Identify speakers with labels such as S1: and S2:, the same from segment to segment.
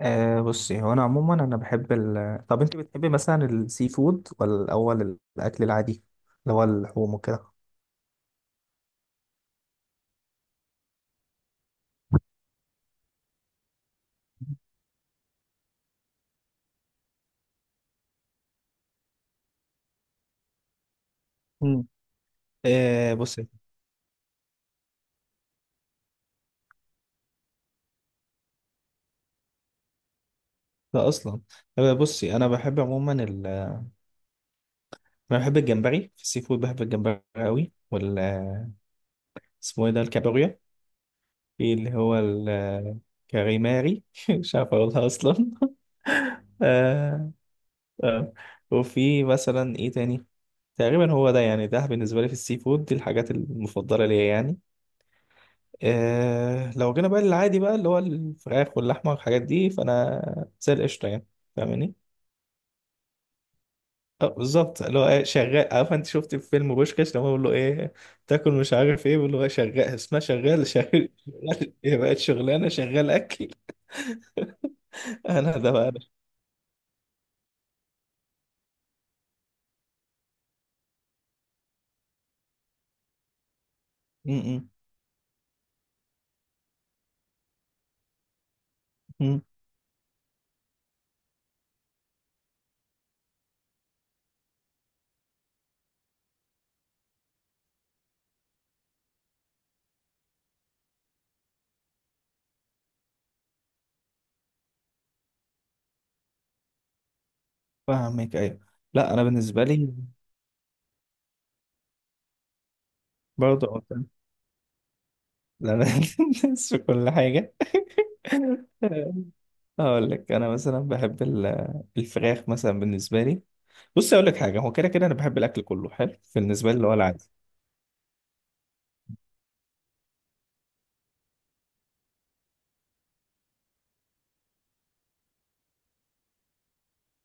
S1: بصي، هو انا عموما انا بحب طب انت بتحبي مثلا السي فود، ولا الاول الاكل العادي اللي هو اللحوم وكده؟ مم. أه بصي ده اصلا أه بصي، انا بحب عموما انا بحب الجمبري في السي فود، بحب الجمبري قوي، اسمه ايه ده؟ الكابوريا. في اللي هو الكاريماري، مش عارف اقولها اصلا. آه. آه. وفي مثلا ايه تاني؟ تقريبا هو ده، يعني ده بالنسبة لي في السي فود دي الحاجات المفضلة ليا يعني. إيه، لو جينا بقى للعادي بقى اللي هو الفراخ واللحمة والحاجات دي، فأنا زي القشطة يعني. فاهماني؟ اه بالظبط، اللي هو ايه؟ شغال. عارف انت شفت في فيلم بوشكاش لما بيقول له ايه تاكل مش عارف ايه، بيقول له ايه؟ شغال. اسمها شغال، شغال. شغال ايه بقت شغلانه؟ شغال اكل. انا ده بقى انا. م- م- م. فاهمك، ايوه. لا، انا بالنسبه لي، برضه قلت؟ لا انا، بنسى كل حاجه. هقول لك، انا مثلا بحب الفراخ مثلا بالنسبه لي. بص اقول لك حاجه، هو كده كده انا بحب الاكل كله، حلو بالنسبه لي اللي هو العادي.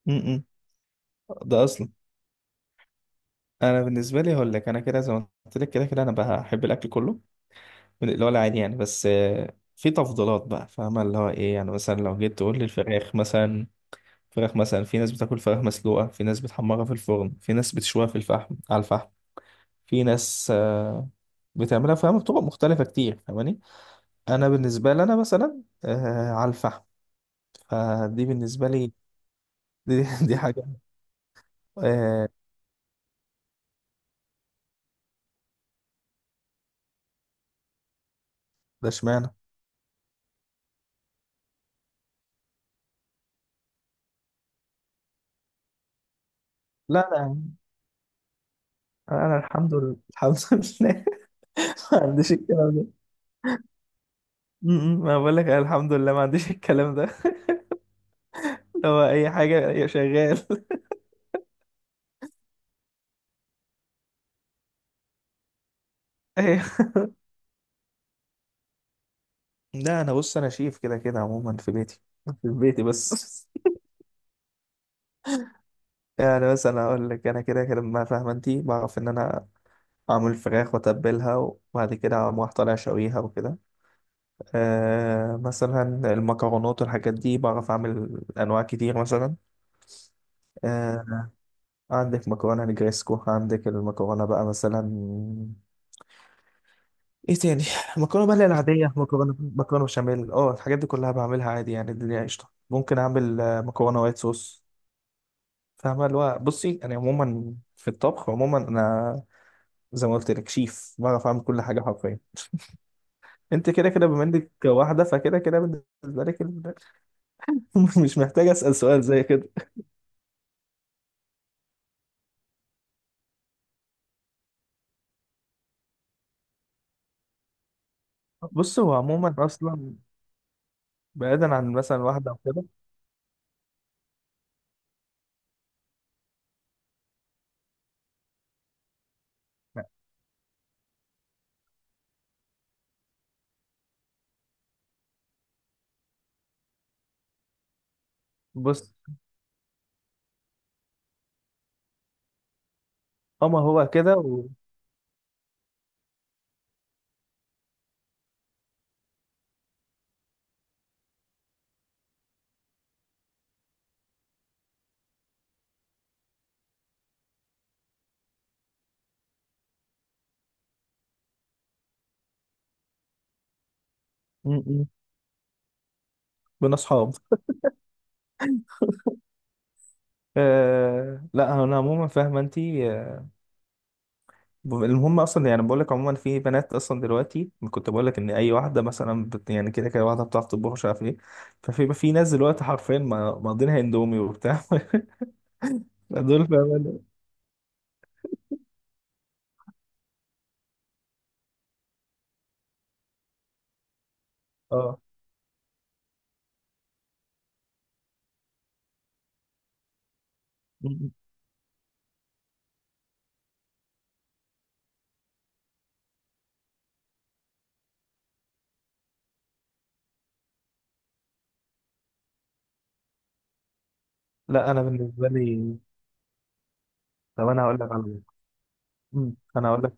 S1: م-م. ده اصلا. انا بالنسبه لي هقول لك، انا كده زي ما قلت لك كده كده انا بحب الاكل كله من اللي هو العادي يعني. بس في تفضيلات بقى، فاهمه اللي هو ايه يعني؟ مثلا لو جيت تقول لي الفراخ مثلا، فراخ مثلا في ناس بتاكل فراخ مسلوقه، في ناس بتحمرها في الفرن، في ناس بتشويها في الفحم على الفحم. في ناس بتعملها فاهمه بطرق مختلفه كتير. فاهماني؟ انا بالنسبه لي، انا مثلا على الفحم. فدي بالنسبه لي، دي، دي حاجه. آه. ده اشمعنى. لا، لا يا عم. انا الحمد لله، الحمد لله، ما عنديش الكلام ده. م- م. ما بقول لك أنا الحمد لله ما عنديش الكلام ده. اللي هو اي حاجه، أي شغال. اي. لا انا بص، انا شيف كده كده عموما في بيتي بس. يعني بس انا اقول لك، انا كده كده، ما فاهمه انت؟ بعرف ان انا اعمل فراخ واتبلها، وبعد كده اقوم رايح طالع شويها وكده. مثلا المكرونات والحاجات دي بعرف اعمل انواع كتير مثلا. آه، عندك مكرونة نجريسكو، عندك المكرونة بقى مثلا، ايه تاني؟ مكرونة بقى اللي هي العادية، مكرونة بشاميل، الحاجات دي كلها بعملها عادي يعني، الدنيا قشطة. ممكن اعمل مكرونة وايت صوص. فاهمة؟ اللي هو بصي، انا عموما في الطبخ، عموما انا زي ما قلت لك شيف، بعرف اعمل كل حاجة حرفيا. انت كده كده بما انك واحدة، فكده كده بالنسبة لك مش محتاج اسأل سؤال زي كده. بص هو عموما اصلا بعيدا عن مثلا واحدة او كده. بص هما هو كده بين اصحاب. لا، انا عموما فاهمه انت. المهم اصلا يعني، بقول لك عموما في بنات اصلا دلوقتي، كنت بقول لك ان اي واحده مثلا يعني كده كده واحده بتعرف تطبخ مش عارف ايه. ففي في ناس دلوقتي حرفيا ماضينها اندومي وبتاع. دول فاهمه. اه. م- لا انا بالنسبه لي، طب انا هقول لك على موقف، م، انا هقول لك.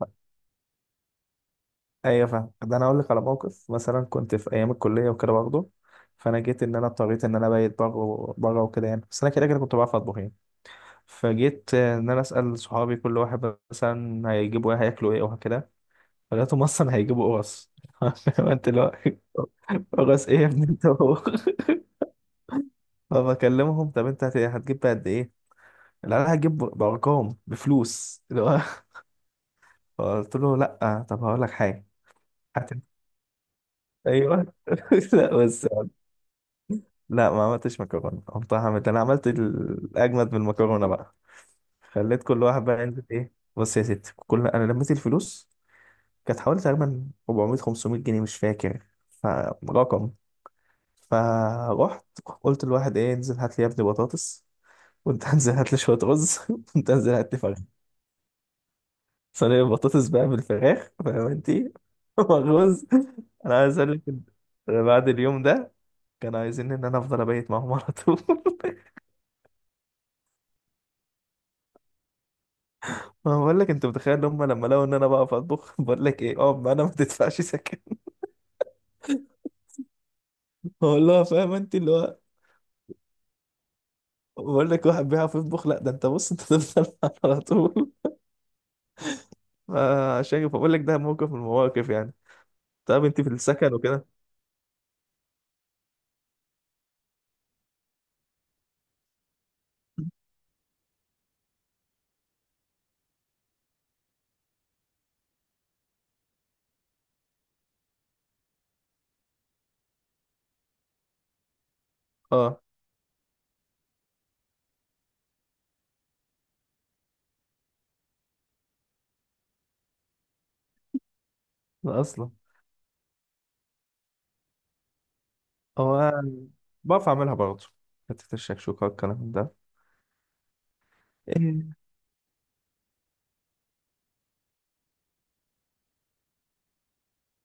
S1: ايوه فاهم ده، انا هقول لك على موقف، مثلا كنت في ايام الكليه وكده برضه، فانا جيت ان انا اضطريت ان انا بايت بره بره وكده يعني. بس انا كده كده كنت بعرف اطبخ يعني، فجيت ان انا اسال صحابي، كل واحد مثلا هيجيبوا ايه، هياكلوا ايه، وهكذا، فلقيتهم اصلا هيجيبوا قرص. انت اللي هو قرص ايه يا ابني انت؟ هو فبكلمهم، طب انت هتجيب بقى قد ايه؟ لا انا هجيب بارقام، بفلوس اللي هو. فقلت له لا، طب هقول لك حاجه، هات انت. ايوه. لا بس، لا ما عملتش مكرونه، قمت عملت، انا عملت الاجمد من المكرونه بقى. خليت كل واحد بقى ينزل ايه، بص يا ستي، كل انا لميت الفلوس، كانت حوالي تقريبا 400 500 جنيه مش فاكر، فرقم. فروحت قلت لواحد، ايه انزل هات لي يا ابني بطاطس، وانت انزل هات لي شويه رز، وانت انزل هات لي فراخ. صينيه بطاطس بقى بالفراخ، فاهم انت؟ والرز. انا عايز اقول لك إن أنا بعد اليوم ده كانوا عايزين ان انا افضل ابيت معاهم على طول. ما هو بقول لك، انت متخيل ان هم لما لقوا ان انا بقف اطبخ، بقول لك ايه؟ اه ما انا ما تدفعش سكن. بقول لها، فاهم انت اللي هو، بقول لك واحد بيعرف يطبخ، لا ده انت بص انت تفضل على طول. عشان كده بقول لك ده موقف من المواقف يعني. طب انت في السكن وكده؟ اه. لا اصلا هو بعرف اعملها برضه، حته الشكشوكه والكلام ده. إيه،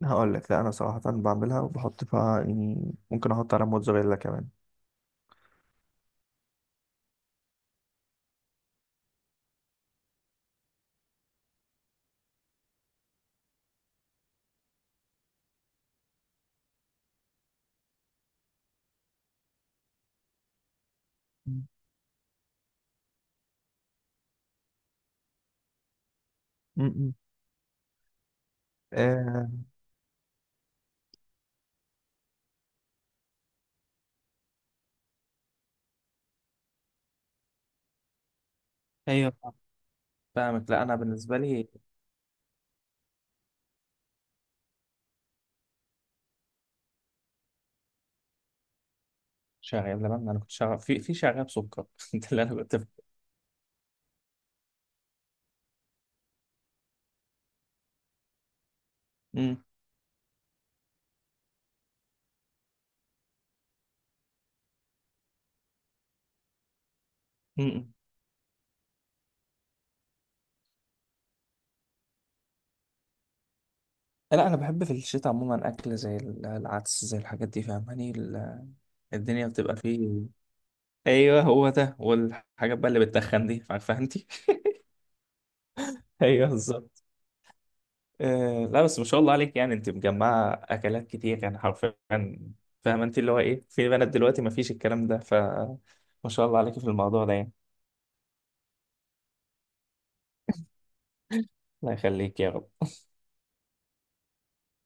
S1: هقول لك، لا انا صراحه بعملها وبحط فيها يعني، ممكن احط على موتزاريلا كمان. مم. م-م. آه. ايوه فاهمك. لا انا بالنسبه لي، شغال لبن. انا كنت شغال في شغال سكر، ده اللي انا كنت مم. مم. لا، انا بحب في الشتاء عموما اكل زي العدس زي الحاجات دي. فاهماني؟ الدنيا بتبقى فيه. ايوه هو ده، والحاجات بقى اللي بتتخن دي، عارفه انت؟ ايوه بالظبط. لا بس، ما شاء الله عليك يعني، انت مجمعه اكلات كتير يعني حرفيا. فاهمه انت اللي هو ايه، في بنات دلوقتي ما فيش الكلام ده، فما شاء الله عليك في الموضوع ده يعني. الله يخليك يا رب.